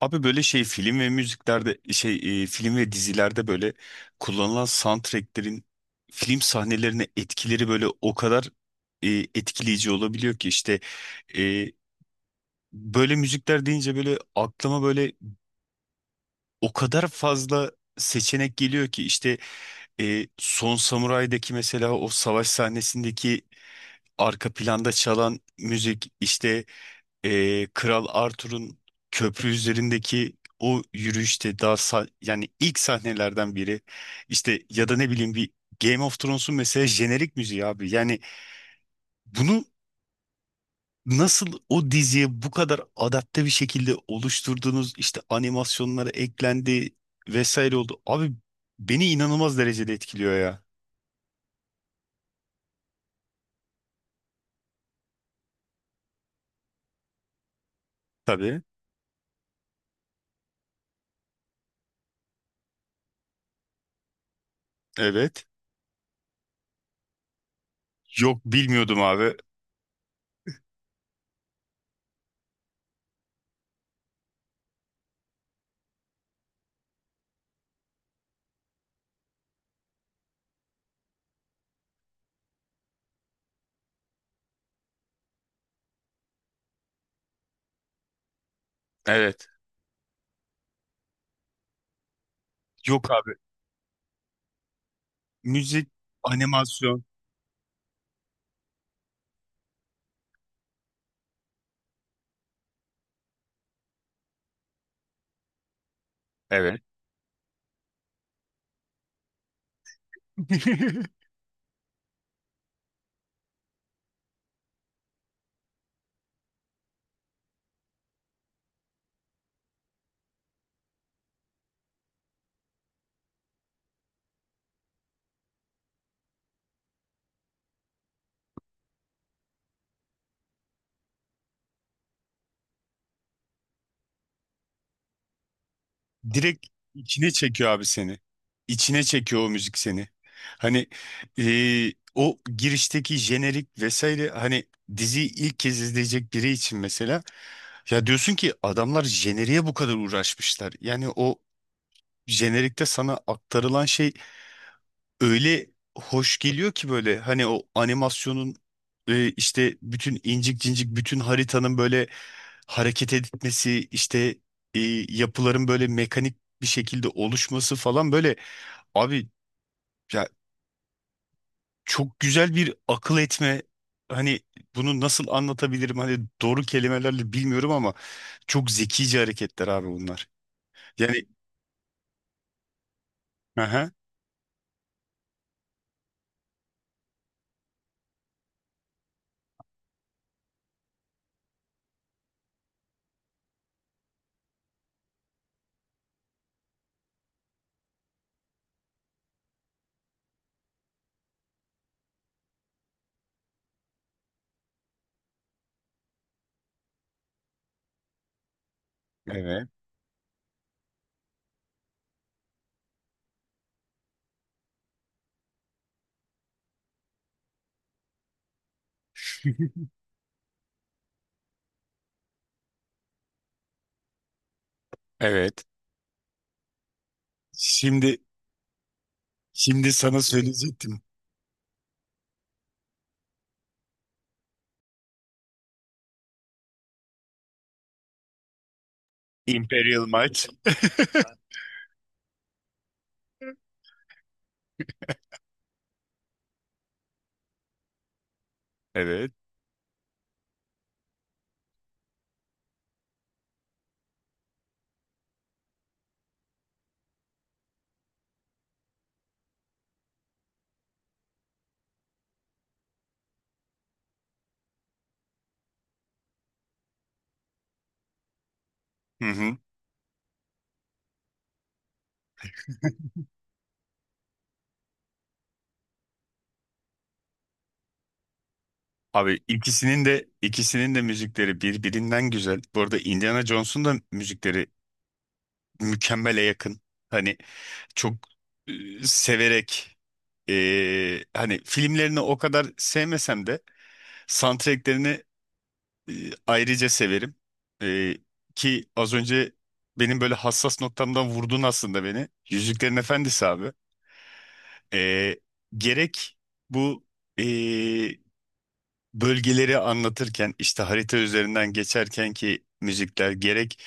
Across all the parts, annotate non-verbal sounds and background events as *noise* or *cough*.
Abi böyle film ve müziklerde film ve dizilerde böyle kullanılan soundtracklerin film sahnelerine etkileri böyle o kadar e, etkileyici olabiliyor ki işte e, böyle müzikler deyince böyle aklıma böyle o kadar fazla seçenek geliyor ki işte Son Samuray'daki mesela o savaş sahnesindeki arka planda çalan müzik işte Kral Arthur'un köprü üzerindeki o yürüyüşte yani ilk sahnelerden biri işte ya da ne bileyim bir Game of Thrones'un mesela jenerik müziği abi yani bunu nasıl o diziye bu kadar adapte bir şekilde oluşturduğunuz işte animasyonlara eklendi vesaire oldu abi beni inanılmaz derecede etkiliyor ya. Tabii. Evet. Yok bilmiyordum abi. Evet. Yok abi. Müzik. Animasyon. Evet. *laughs* Direkt içine çekiyor abi seni. İçine çekiyor o müzik seni. Hani o girişteki jenerik vesaire, hani diziyi ilk kez izleyecek biri için mesela, ya diyorsun ki adamlar jeneriğe bu kadar uğraşmışlar. Yani o jenerikte sana aktarılan şey öyle hoş geliyor ki, böyle hani o animasyonun işte bütün incik cincik bütün haritanın böyle hareket etmesi işte, e, yapıların böyle mekanik bir şekilde oluşması falan, böyle abi ya çok güzel bir akıl etme, hani bunu nasıl anlatabilirim hani doğru kelimelerle bilmiyorum ama çok zekice hareketler abi bunlar. Yani aha. Evet. *laughs* Evet. Şimdi şimdi sana söyleyecektim. Imperial Might. Evet. Hı hı. Abi ikisinin de müzikleri birbirinden güzel. Bu arada Indiana Jones'un da müzikleri mükemmele yakın. Hani çok, e, severek, hani filmlerini o kadar sevmesem de soundtracklerini e, ayrıca severim. E, Ki az önce benim böyle hassas noktamdan vurdun aslında beni. Yüzüklerin Efendisi abi. E, Gerek bu bölgeleri anlatırken işte harita üzerinden geçerken ki müzikler, gerek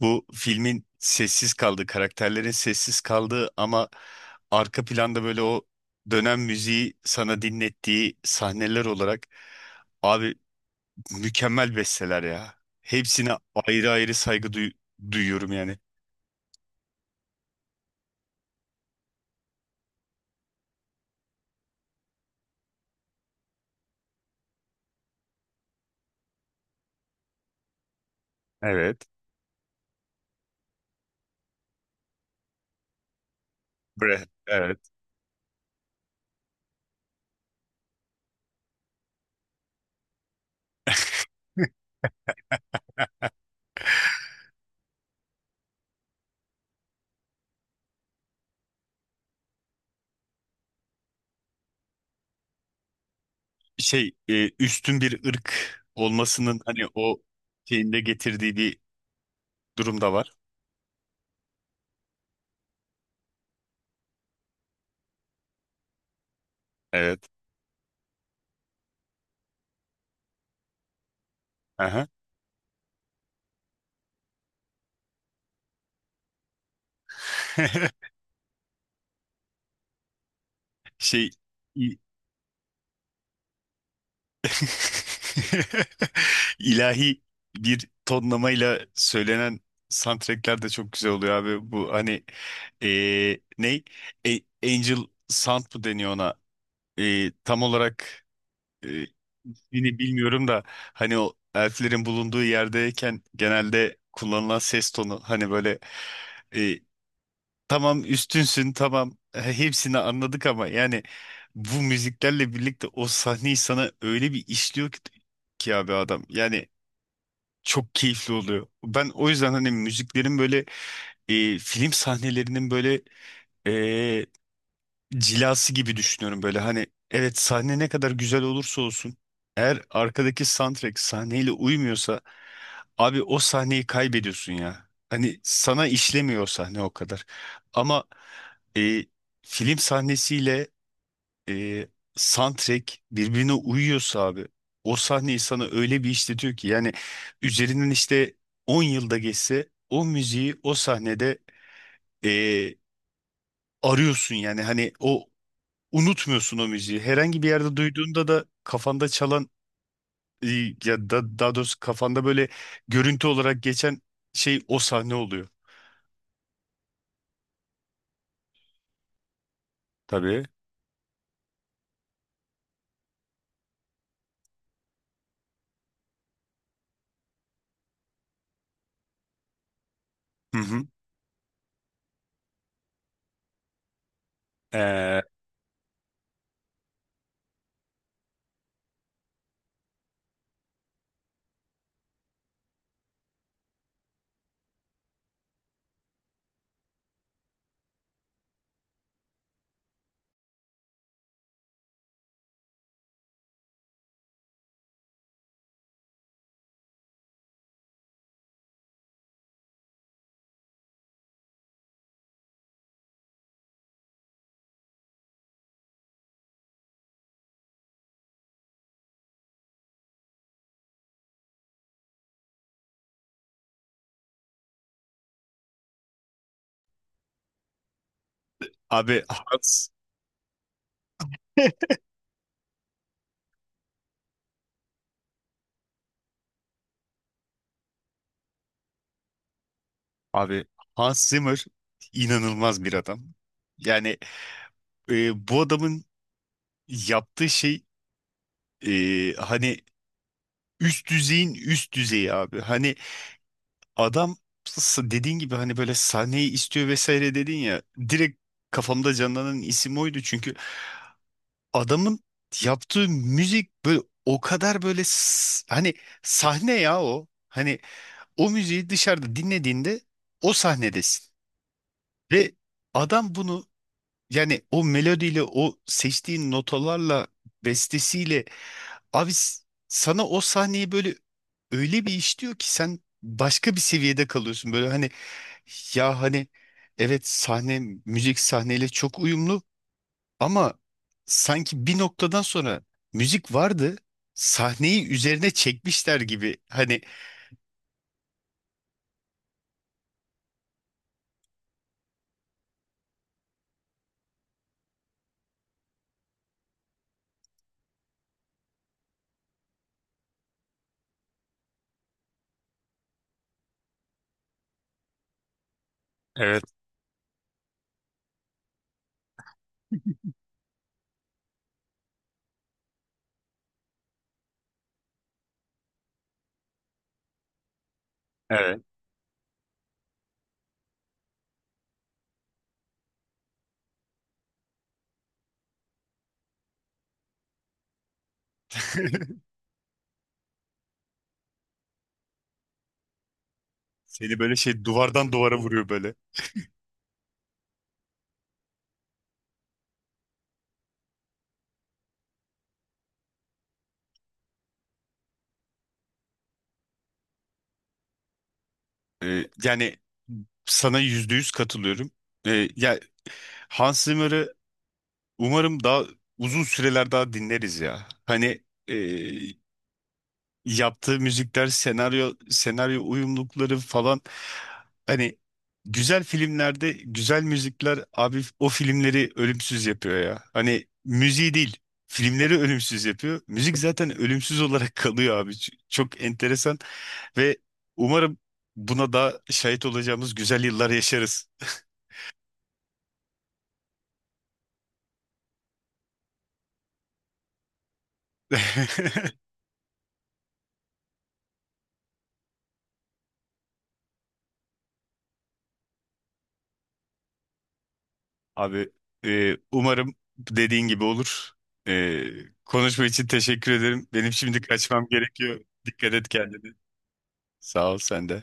bu filmin sessiz kaldığı, karakterlerin sessiz kaldığı ama arka planda böyle o dönem müziği sana dinlettiği sahneler olarak, abi mükemmel besteler ya. Hepsine ayrı ayrı duyuyorum yani. Evet. Bre evet. *laughs* Üstün bir ırk olmasının hani o şeyinde getirdiği bir durum da var. Evet. Aha. *laughs* Şey i- *laughs* ilahi bir tonlamayla söylenen soundtrackler de çok güzel oluyor abi. Bu hani ne? E- Angel Sound mı deniyor ona? Tam olarak e, ismini bilmiyorum da hani o elflerin bulunduğu yerdeyken genelde kullanılan ses tonu, hani böyle e, tamam üstünsün tamam, *laughs* hepsini anladık, ama yani bu müziklerle birlikte o sahneyi sana öyle bir işliyor ki, ki abi adam yani çok keyifli oluyor. Ben o yüzden hani müziklerin böyle, film sahnelerinin böyle e, cilası gibi düşünüyorum. Böyle hani evet, sahne ne kadar güzel olursa olsun, eğer arkadaki soundtrack sahneyle uymuyorsa abi o sahneyi kaybediyorsun ya. Hani sana işlemiyor o sahne o kadar. Ama e, film sahnesiyle e, soundtrack birbirine uyuyorsa abi o sahneyi sana öyle bir işletiyor ki, yani üzerinden işte 10 yılda geçse o müziği o sahnede e, arıyorsun yani. Hani o unutmuyorsun o müziği. Herhangi bir yerde duyduğunda da kafanda çalan, e, ya da daha doğrusu kafanda böyle görüntü olarak geçen şey o sahne oluyor. Tabii. Hı hı. Ee, abi Hans. *laughs* Abi Hans Zimmer inanılmaz bir adam. Yani bu adamın yaptığı şey hani üst düzeyin üst düzeyi abi. Hani adam, dediğin gibi hani böyle sahneyi istiyor vesaire dedin ya, direkt kafamda canlanan isim oydu çünkü adamın yaptığı müzik böyle o kadar böyle, hani sahne ya o. Hani o müziği dışarıda dinlediğinde o sahnedesin. Ve adam bunu, yani o melodiyle, o seçtiğin notalarla, bestesiyle, abi sana o sahneyi böyle öyle bir işliyor ki sen başka bir seviyede kalıyorsun. Böyle hani, ya hani evet, sahne müzik sahneyle çok uyumlu ama sanki bir noktadan sonra müzik vardı. Sahneyi üzerine çekmişler gibi. Hani evet, evet. *laughs* Seni böyle şey duvardan duvara vuruyor böyle. Yani sana yüzde yüz katılıyorum. Ya Hans Zimmer'ı umarım daha uzun süreler daha dinleriz ya. Hani ee, yaptığı müzikler, senaryo uyumlulukları falan, hani güzel filmlerde güzel müzikler abi o filmleri ölümsüz yapıyor ya. Hani müziği değil, filmleri ölümsüz yapıyor. Müzik zaten ölümsüz olarak *laughs* kalıyor abi. Çok enteresan ve umarım buna da şahit olacağımız güzel yıllar yaşarız. *laughs* Abi umarım dediğin gibi olur. E, konuşma için teşekkür ederim. Benim şimdi kaçmam gerekiyor. Dikkat et kendine. Sağ ol sen de.